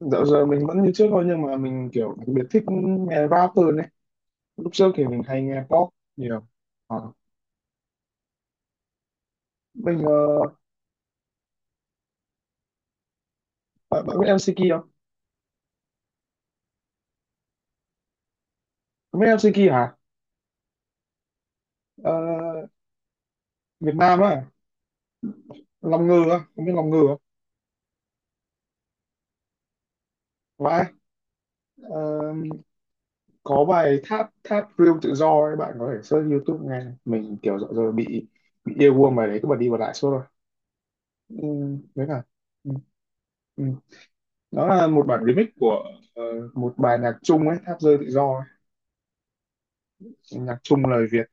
Dạo giờ mình vẫn như trước thôi nhưng mà mình kiểu đặc biệt thích nghe rap hơn đấy. Lúc trước thì mình hay nghe pop nhiều. Ờ. Mình Bạn biết MCK không? Bạn biết MCK hả? Ờ, Việt Nam á, Long Ngư á, không biết Long Ngư không? Vãi, ờ, có bài Tháp Tháp Real Tự Do ấy, bạn có thể search YouTube nghe. Mình kiểu dạo giờ bị yêu guông bài đấy cứ bật đi bật lại suốt rồi. Ừ, đấy là ừ, ừ. Đó là một bản remix của ờ, một bài nhạc Trung ấy, Tháp Rơi Tự Do ấy. Nhạc Trung lời Việt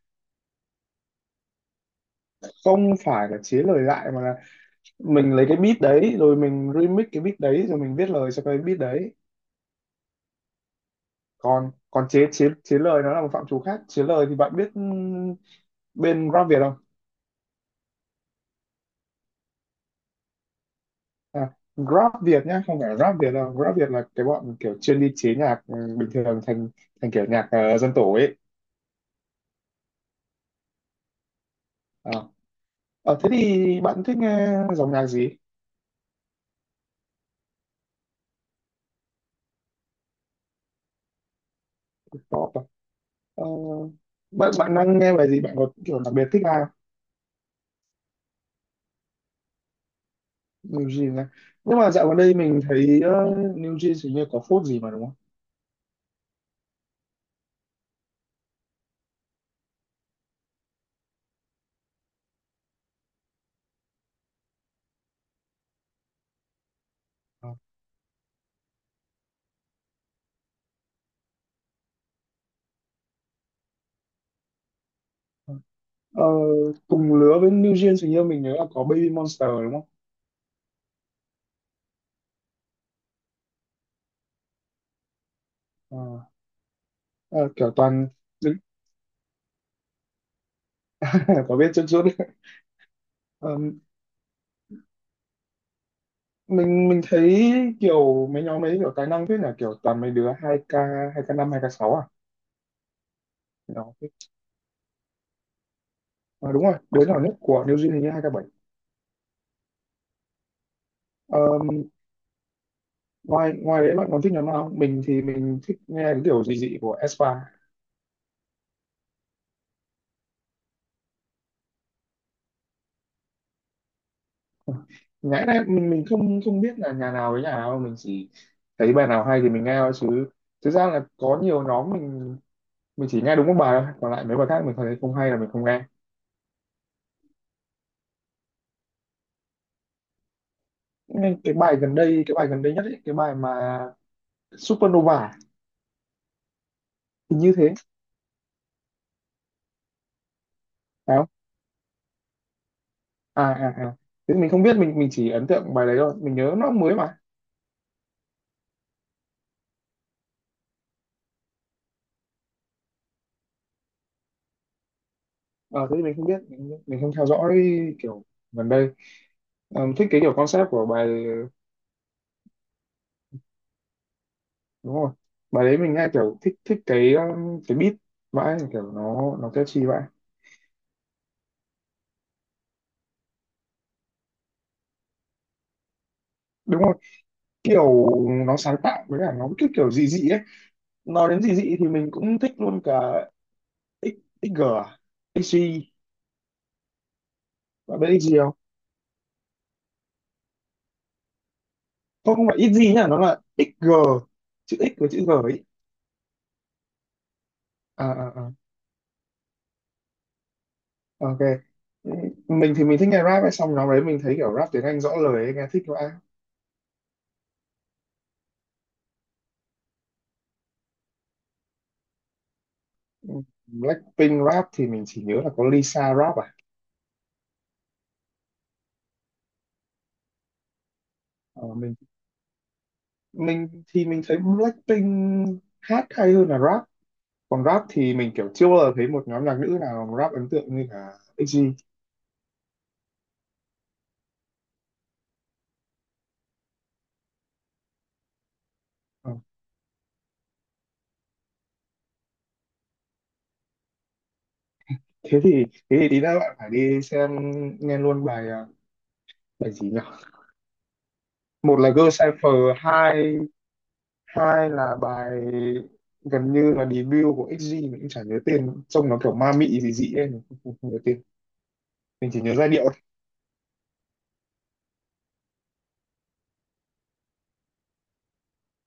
không phải là chế lời lại mà là mình lấy cái beat đấy rồi mình remix cái beat đấy rồi mình viết lời cho cái beat đấy, còn còn chế chế chế lời nó là một phạm trù khác. Chế lời thì bạn biết bên rap Việt không? À, rap Việt nhá, không phải rap Việt đâu, rap Việt là cái bọn kiểu chuyên đi chế nhạc bình thường thành thành kiểu nhạc dân tổ ấy. À. Ờ, thế thì bạn thích nghe dòng nhạc gì? Pop à? Ờ, bạn bạn đang nghe bài gì, bạn có kiểu đặc biệt thích ai? New Jeans á. Nhưng mà dạo gần đây mình thấy New Jeans hình như có phốt gì mà đúng không? Ờ, cùng lứa với New Jeans hình như mình nhớ là có Baby Monster đúng không? Ờ, ờ, kiểu toàn đứng có biết chút chút. Ờ, mình thấy kiểu mấy nhóm ấy kiểu tài năng, thế là kiểu toàn mấy đứa 2K, 2K5, 2K6 à. Đó. Ờ, đúng rồi, đứa nhỏ nhất của New Jeans hình như 2K7. Ờ, ngoài ngoài đấy bạn còn thích nhóm nào không? Mình thì mình thích nghe cái kiểu dị dị của aespa. Ngã đấy mình không không biết là nhà nào với nhà nào, mình chỉ thấy bài nào hay thì mình nghe thôi, chứ thực ra là có nhiều nhóm mình chỉ nghe đúng một bài thôi, còn lại mấy bài khác mình thấy không hay là mình không nghe. Nên cái bài gần đây nhất ấy, cái bài mà Supernova thì như thế phải không? À, à, à, thế mình không biết, mình chỉ ấn tượng bài đấy thôi, mình nhớ nó mới mà. Ờ, thế thì mình không biết mình không theo dõi kiểu gần đây. Ờ, thích cái kiểu concept của bài. Đúng rồi, bài đấy mình nghe kiểu thích thích cái beat vãi, kiểu nó catchy vậy. Đúng rồi, kiểu nó sáng tạo với cả nó cái kiểu dị dị ấy. Nói đến dị dị thì mình cũng thích luôn cả X XG à? XG, bạn biết XG không không Không phải XG nhá, nó là XG, chữ X với chữ G ấy. À, à, à. Ok, mình thì mình thích nghe rap ấy, xong nó đấy mình thấy kiểu rap tiếng Anh rõ lời ấy, nghe thích vãi. Blackpink rap thì mình chỉ nhớ là có Lisa rap à. Ờ, mình thì mình thấy Blackpink hát hay hơn là rap, còn rap thì mình kiểu chưa bao giờ thấy một nhóm nhạc nữ nào rap ấn tượng như cả EXY. Ờ, thế thì tí nữa bạn phải đi xem, nghe luôn bài bài gì nhỉ, một là Girl Cipher, hai hai là bài gần như là debut của EXY, mình cũng chả nhớ tên, trông nó kiểu ma mị gì dị ấy, mình không nhớ tên, mình chỉ nhớ giai điệu thôi.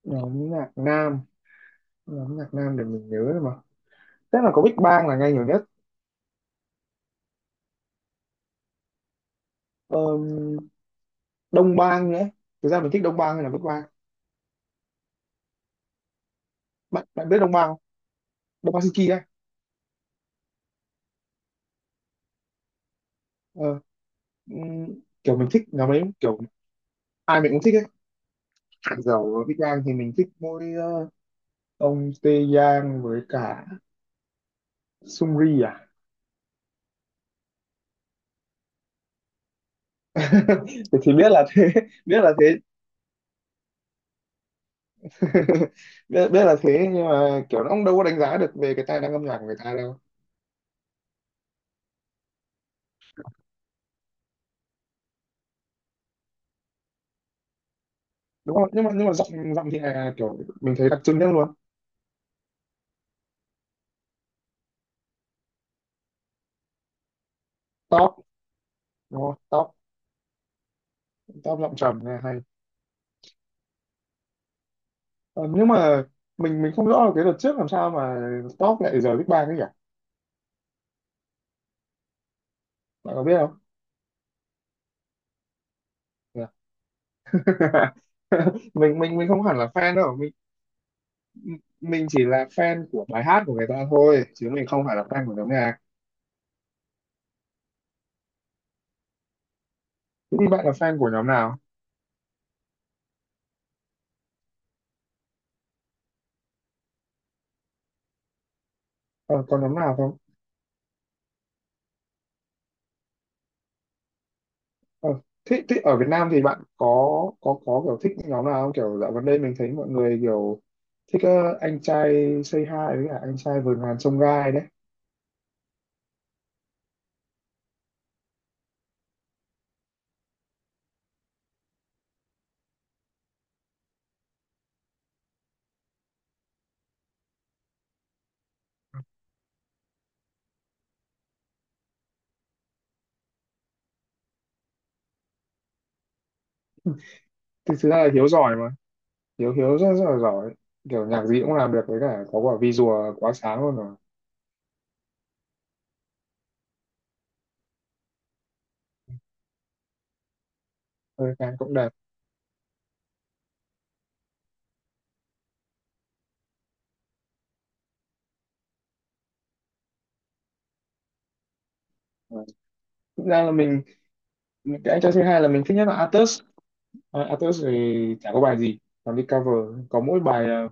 Nhóm nhạc nam, nhóm nhạc nam để mình nhớ thôi mà, chắc là có Big Bang là nghe nhiều nhất. Đông Bang nữa, thực ra mình thích Đông Bang hay là Bắc Bang, bạn bạn biết Đông Bang không? Đông Bang Suzuki ấy. ờ, Kiểu mình thích nhóm ấy, kiểu ai mình cũng thích ấy, dầu Big Bang thì mình thích mỗi ông Tae Yang với cả Sungri à. Thì biết là thế. Biết là thế. Biết là thế, nhưng mà kiểu nó cũng đâu có đánh giá được về cái tài năng âm nhạc của người ta đâu. Đúng không, nhưng mà giọng giọng thì là kiểu mình thấy đặc trưng nhất luôn. Top đúng không? Top top giọng trầm nghe hay. Ờ, nhưng mà mình không rõ là cái đợt trước làm sao mà top lại giờ Big Bang ấy nhỉ, bạn có biết không? Mình không hẳn là fan đâu, mình chỉ là fan của bài hát của người ta thôi, chứ mình không phải là fan của nhóm nhạc. Thế thì bạn là fan của nhóm nào? Ờ, có nhóm nào không? Ờ, thế, ở Việt Nam thì bạn có kiểu thích nhóm nào không, kiểu dạo gần đây mình thấy mọi người kiểu thích anh trai Say Hi với cả anh trai vườn ngàn chông gai đấy. Thì thực ra là Hiếu giỏi, Hiếu Hiếu rất, rất là giỏi, kiểu nhạc gì cũng làm được, với cả có quả visual quá sáng luôn rồi. Hơi khen cũng đẹp. Ừ. Thực ra là mình, cái anh trai thứ hai là mình thích nhất là Atus. À, Atus thì chả có bài gì, còn đi cover có mỗi bài là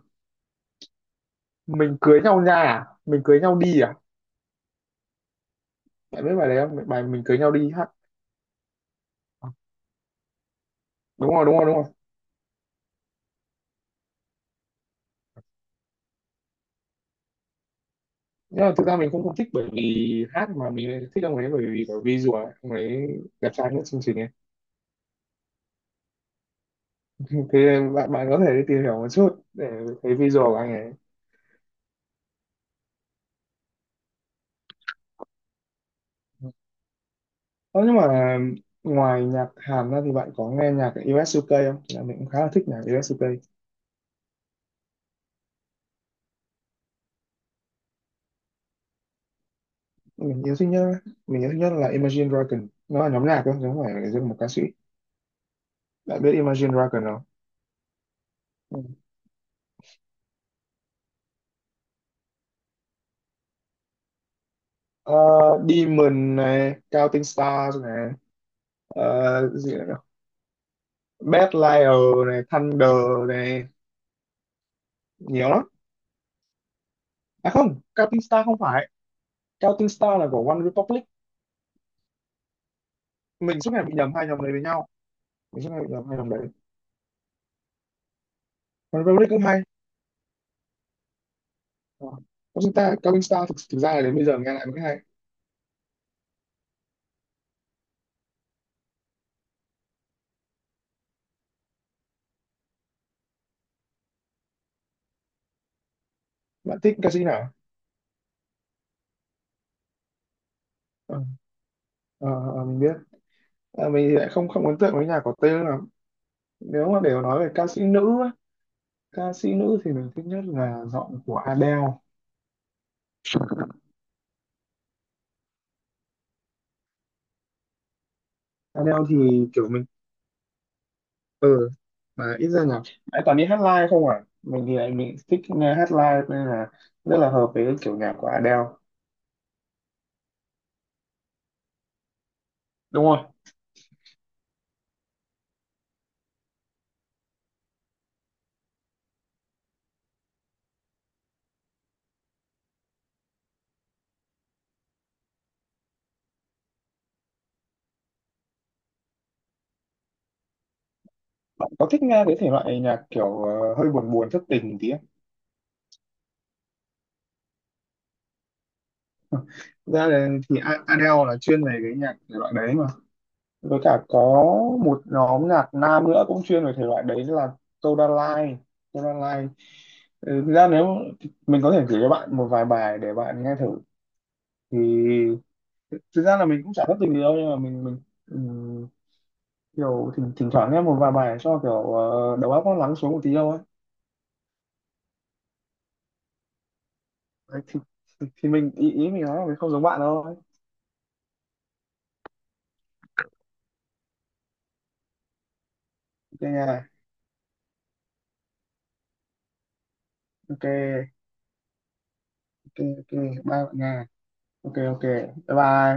mình cưới nhau nha à? Mình cưới nhau đi à, bạn biết bài đấy không, bài mình cưới nhau đi hát. À, đúng rồi, đúng rồi, đúng rồi. Nhưng mà thực ra mình cũng không thích bởi vì hát, mà mình lại thích ông ấy bởi vì có visual ấy. Ông ấy đẹp trai nhất chương trình ấy. Thế bạn bạn có thể đi tìm hiểu một chút để thấy visual của anh ấy. Ờ, nhưng mà ngoài nhạc Hàn ra thì bạn có nghe nhạc US UK không? Là mình cũng khá là thích nhạc US UK. Mình yêu thích nhất mình yêu thích nhất là Imagine Dragon. Nó là nhóm nhạc thôi, chứ không phải là riêng một ca sĩ. Bạn biết Imagine Dragon không? Ừ. Ờ, Demon này, Counting Stars này, gì nữa nhỉ? Bad Liar này, Thunder này, nhiều lắm. À không, Counting Star không phải. Counting Star là của One Republic. Mình suốt ngày bị nhầm hai nhóm đấy với nhau. Mình suốt ngày bị nhầm hai nhóm đấy. One Republic cũng hay. Ờ. Có chúng ta Cao Minh Star thực ra là đến bây giờ nghe lại mới hay. Bạn thích ca sĩ nào? Ờ, ờ, ờ, mình biết. À, mình thì lại không, ấn tượng với nhà có tên lắm. Nếu mà để nói về ca sĩ nữ á, ca sĩ nữ thì mình thích nhất là giọng của Adele. Adele thì kiểu mình, ừ mà ít ra là lại toàn đi hát live không à, mình thì lại mình thích nghe hát live, nên là rất là hợp với kiểu nhạc của Adele. Đúng rồi. Bạn có thích nghe cái thể loại nhạc kiểu hơi buồn buồn thất tình một tí không? Thực ra là thì Adele là chuyên về cái nhạc thể loại đấy mà, với cả có một nhóm nhạc nam nữa cũng chuyên về thể loại đấy là Toda Line. Toda Line. Ừ, thực ra nếu mình có thể gửi cho bạn một vài bài để bạn nghe thử thì thực ra là mình cũng chả thất tình gì đâu, nhưng mà mình ừm, kiểu thỉnh thoảng nghe một vài bài cho kiểu đầu óc nó lắng xuống một tí đâu ấy. Đấy, thì mình, ý ý mình nói là mình không giống bạn đâu ấy. Ok nha. Ok. Ok. Ok. Bye bạn nha. Ok. Ok. Bye bye.